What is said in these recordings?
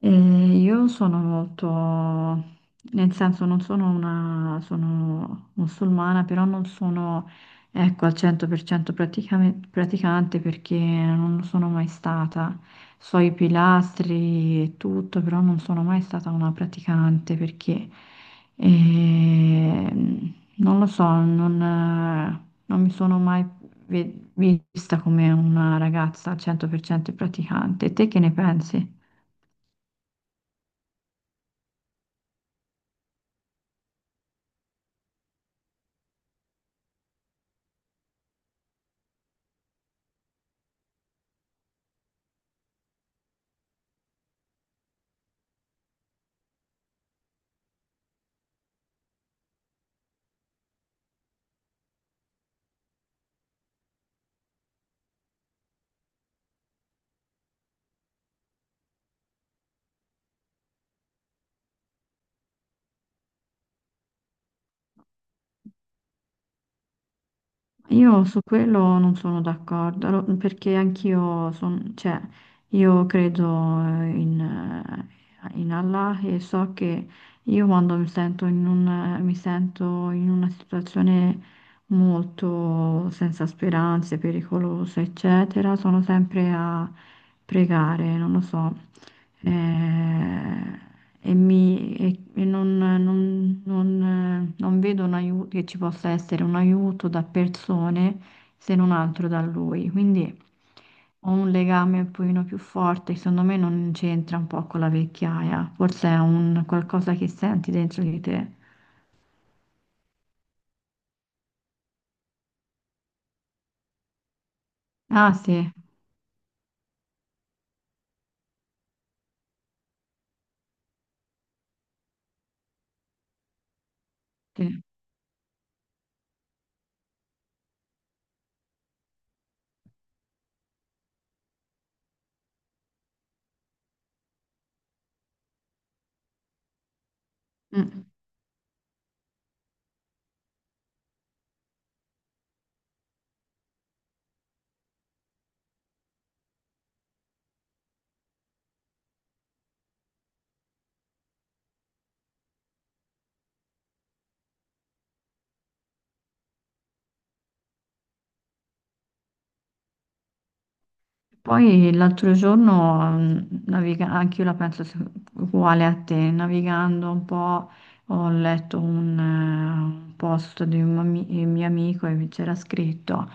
E io sono molto, nel senso non sono una, sono musulmana, però non sono, ecco, al 100% praticante perché non lo sono mai stata. So i pilastri e tutto, però non sono mai stata una praticante perché, non lo so, non mi sono mai vista come una ragazza al 100% praticante. Te che ne pensi? Io su quello non sono d'accordo, perché cioè, io credo in, in Allah e so che io quando mi sento in mi sento in una situazione molto senza speranze, pericolosa, eccetera, sono sempre a pregare, non lo so. Eh, e, e non, non- non- non vedo un aiuto, che ci possa essere un aiuto da persone se non altro da lui. Quindi ho un legame un pochino più forte, che secondo me non c'entra un po' con la vecchiaia, forse è un qualcosa che senti dentro di te. Ah sì, sì. Mm. Poi l'altro giorno, anche io la penso uguale a te, navigando un po', ho letto un post di un mio amico e mi c'era scritto,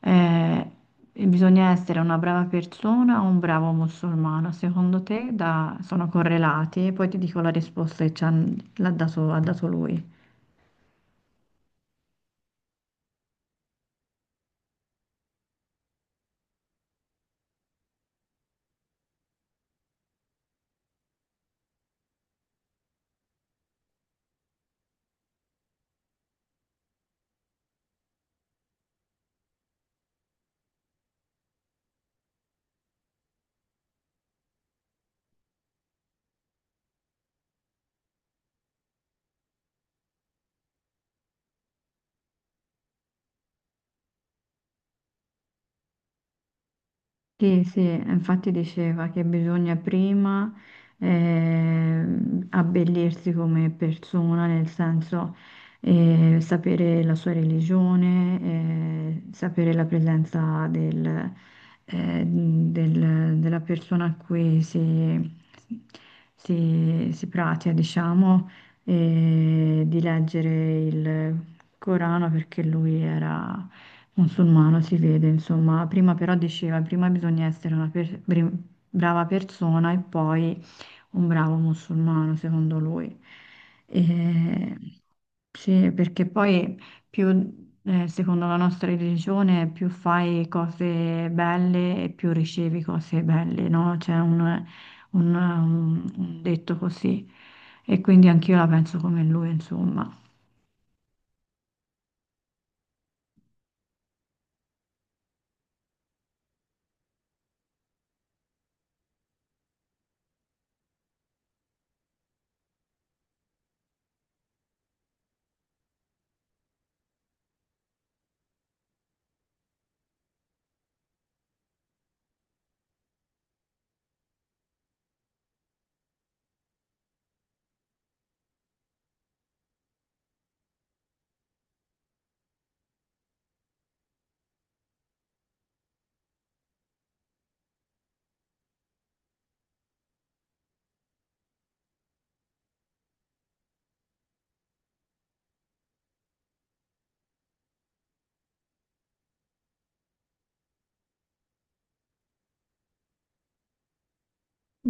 eh, e bisogna essere una brava persona o un bravo musulmano, secondo te sono correlati? E poi ti dico la risposta che ci han- l'ha dato- ha dato lui. Sì, sì, infatti diceva che bisogna prima eh, abbellirsi come persona, nel senso sapere la sua religione, sapere la presenza del, della persona a cui si pratica, diciamo, e di leggere il Corano perché lui era musulmano si vede, insomma, prima però diceva, prima bisogna essere una brava persona e poi un bravo musulmano, secondo lui. E- Sì, perché poi più, secondo la nostra religione, più fai cose belle e più ricevi cose belle, no? C'è un, un detto così. E quindi anch'io la penso come lui, insomma.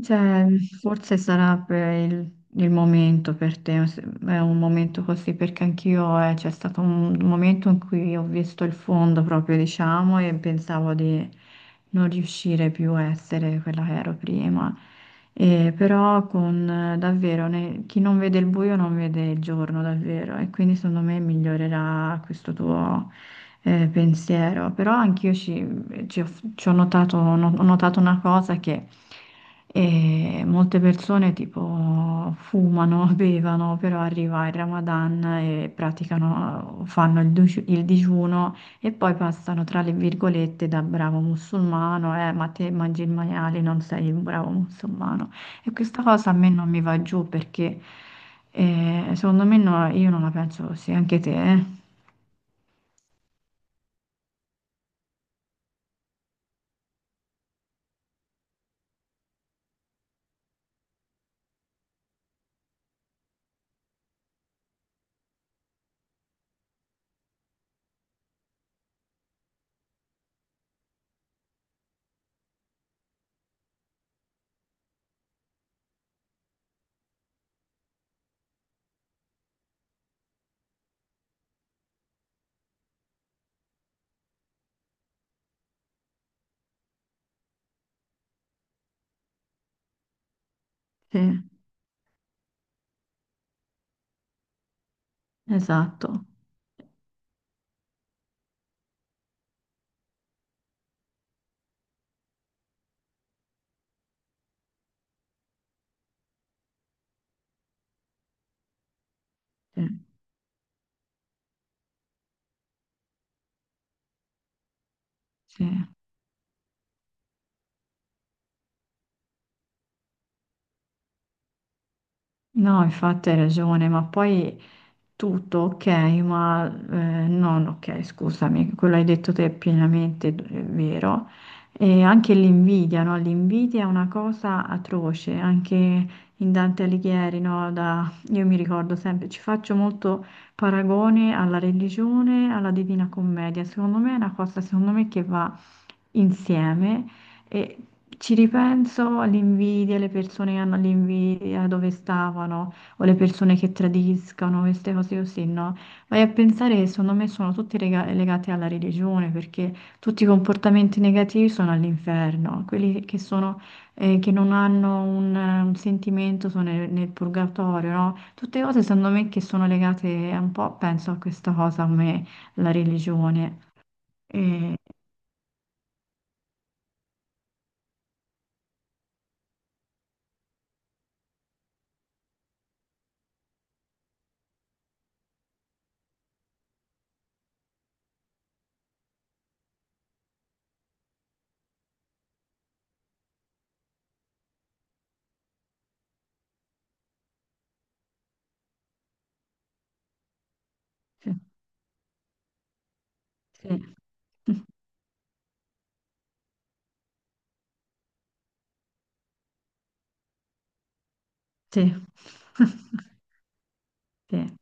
Cioè, forse sarà per il momento per te, è un momento così perché anch'io c'è stato un momento in cui ho visto il fondo proprio, diciamo, e pensavo di non riuscire più a essere quella che ero prima. E però con davvero chi non vede il buio non vede il giorno, davvero, e quindi secondo me migliorerà questo tuo pensiero, però anch'io ci, ci ho notato, no, ho notato una cosa che molte persone tipo fumano, bevono, però arriva il Ramadan e praticano, fanno il digiuno e poi passano tra le virgolette da bravo musulmano, ma te mangi il maiale, non sei un bravo musulmano. E questa cosa a me non mi va giù perché secondo me io non la penso così, anche te, eh? Sì. Esatto, sì, sì. No, infatti hai ragione, ma poi tutto ok, ma non ok, scusami, quello hai detto te è pienamente è vero. E anche l'invidia, no? L'invidia è una cosa atroce, anche in Dante Alighieri, no? Io mi ricordo sempre, ci faccio molto paragone alla religione, alla Divina Commedia, secondo me è una cosa, secondo me, che va insieme. E ci ripenso all'invidia, le persone che hanno l'invidia, dove stavano, o le persone che tradiscano, queste cose così, no? Vai a pensare che secondo me sono tutte legate alla religione, perché tutti i comportamenti negativi sono all'inferno, quelli che sono, che non hanno un sentimento sono nel purgatorio, no? Tutte cose secondo me che sono legate un po', penso a questa cosa come la religione. E... Sì. Sì. Sì, sì,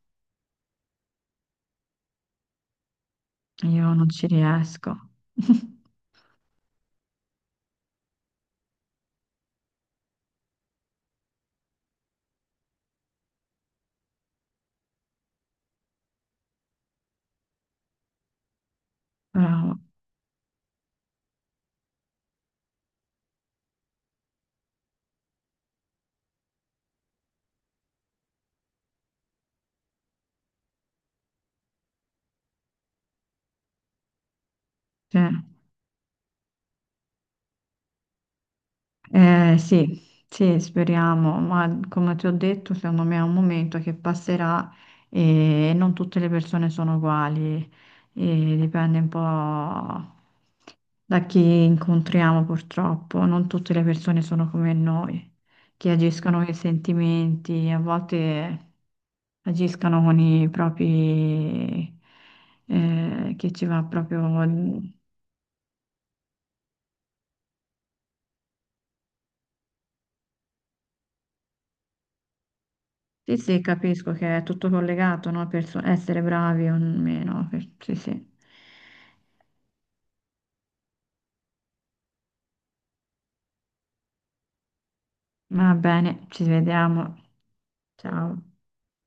io non ci riesco. Bravo, sì. Sì, sì, speriamo, ma come ti ho detto, secondo me è un momento che passerà e non tutte le persone sono uguali, e dipende un po' da chi incontriamo purtroppo, non tutte le persone sono come noi, che agiscono con i sentimenti, a volte agiscono con i propri, che ci va proprio. Sì, sì, capisco che è tutto collegato, no? Essere bravi o meno. Sì, sì. Va bene, ci vediamo. Ciao.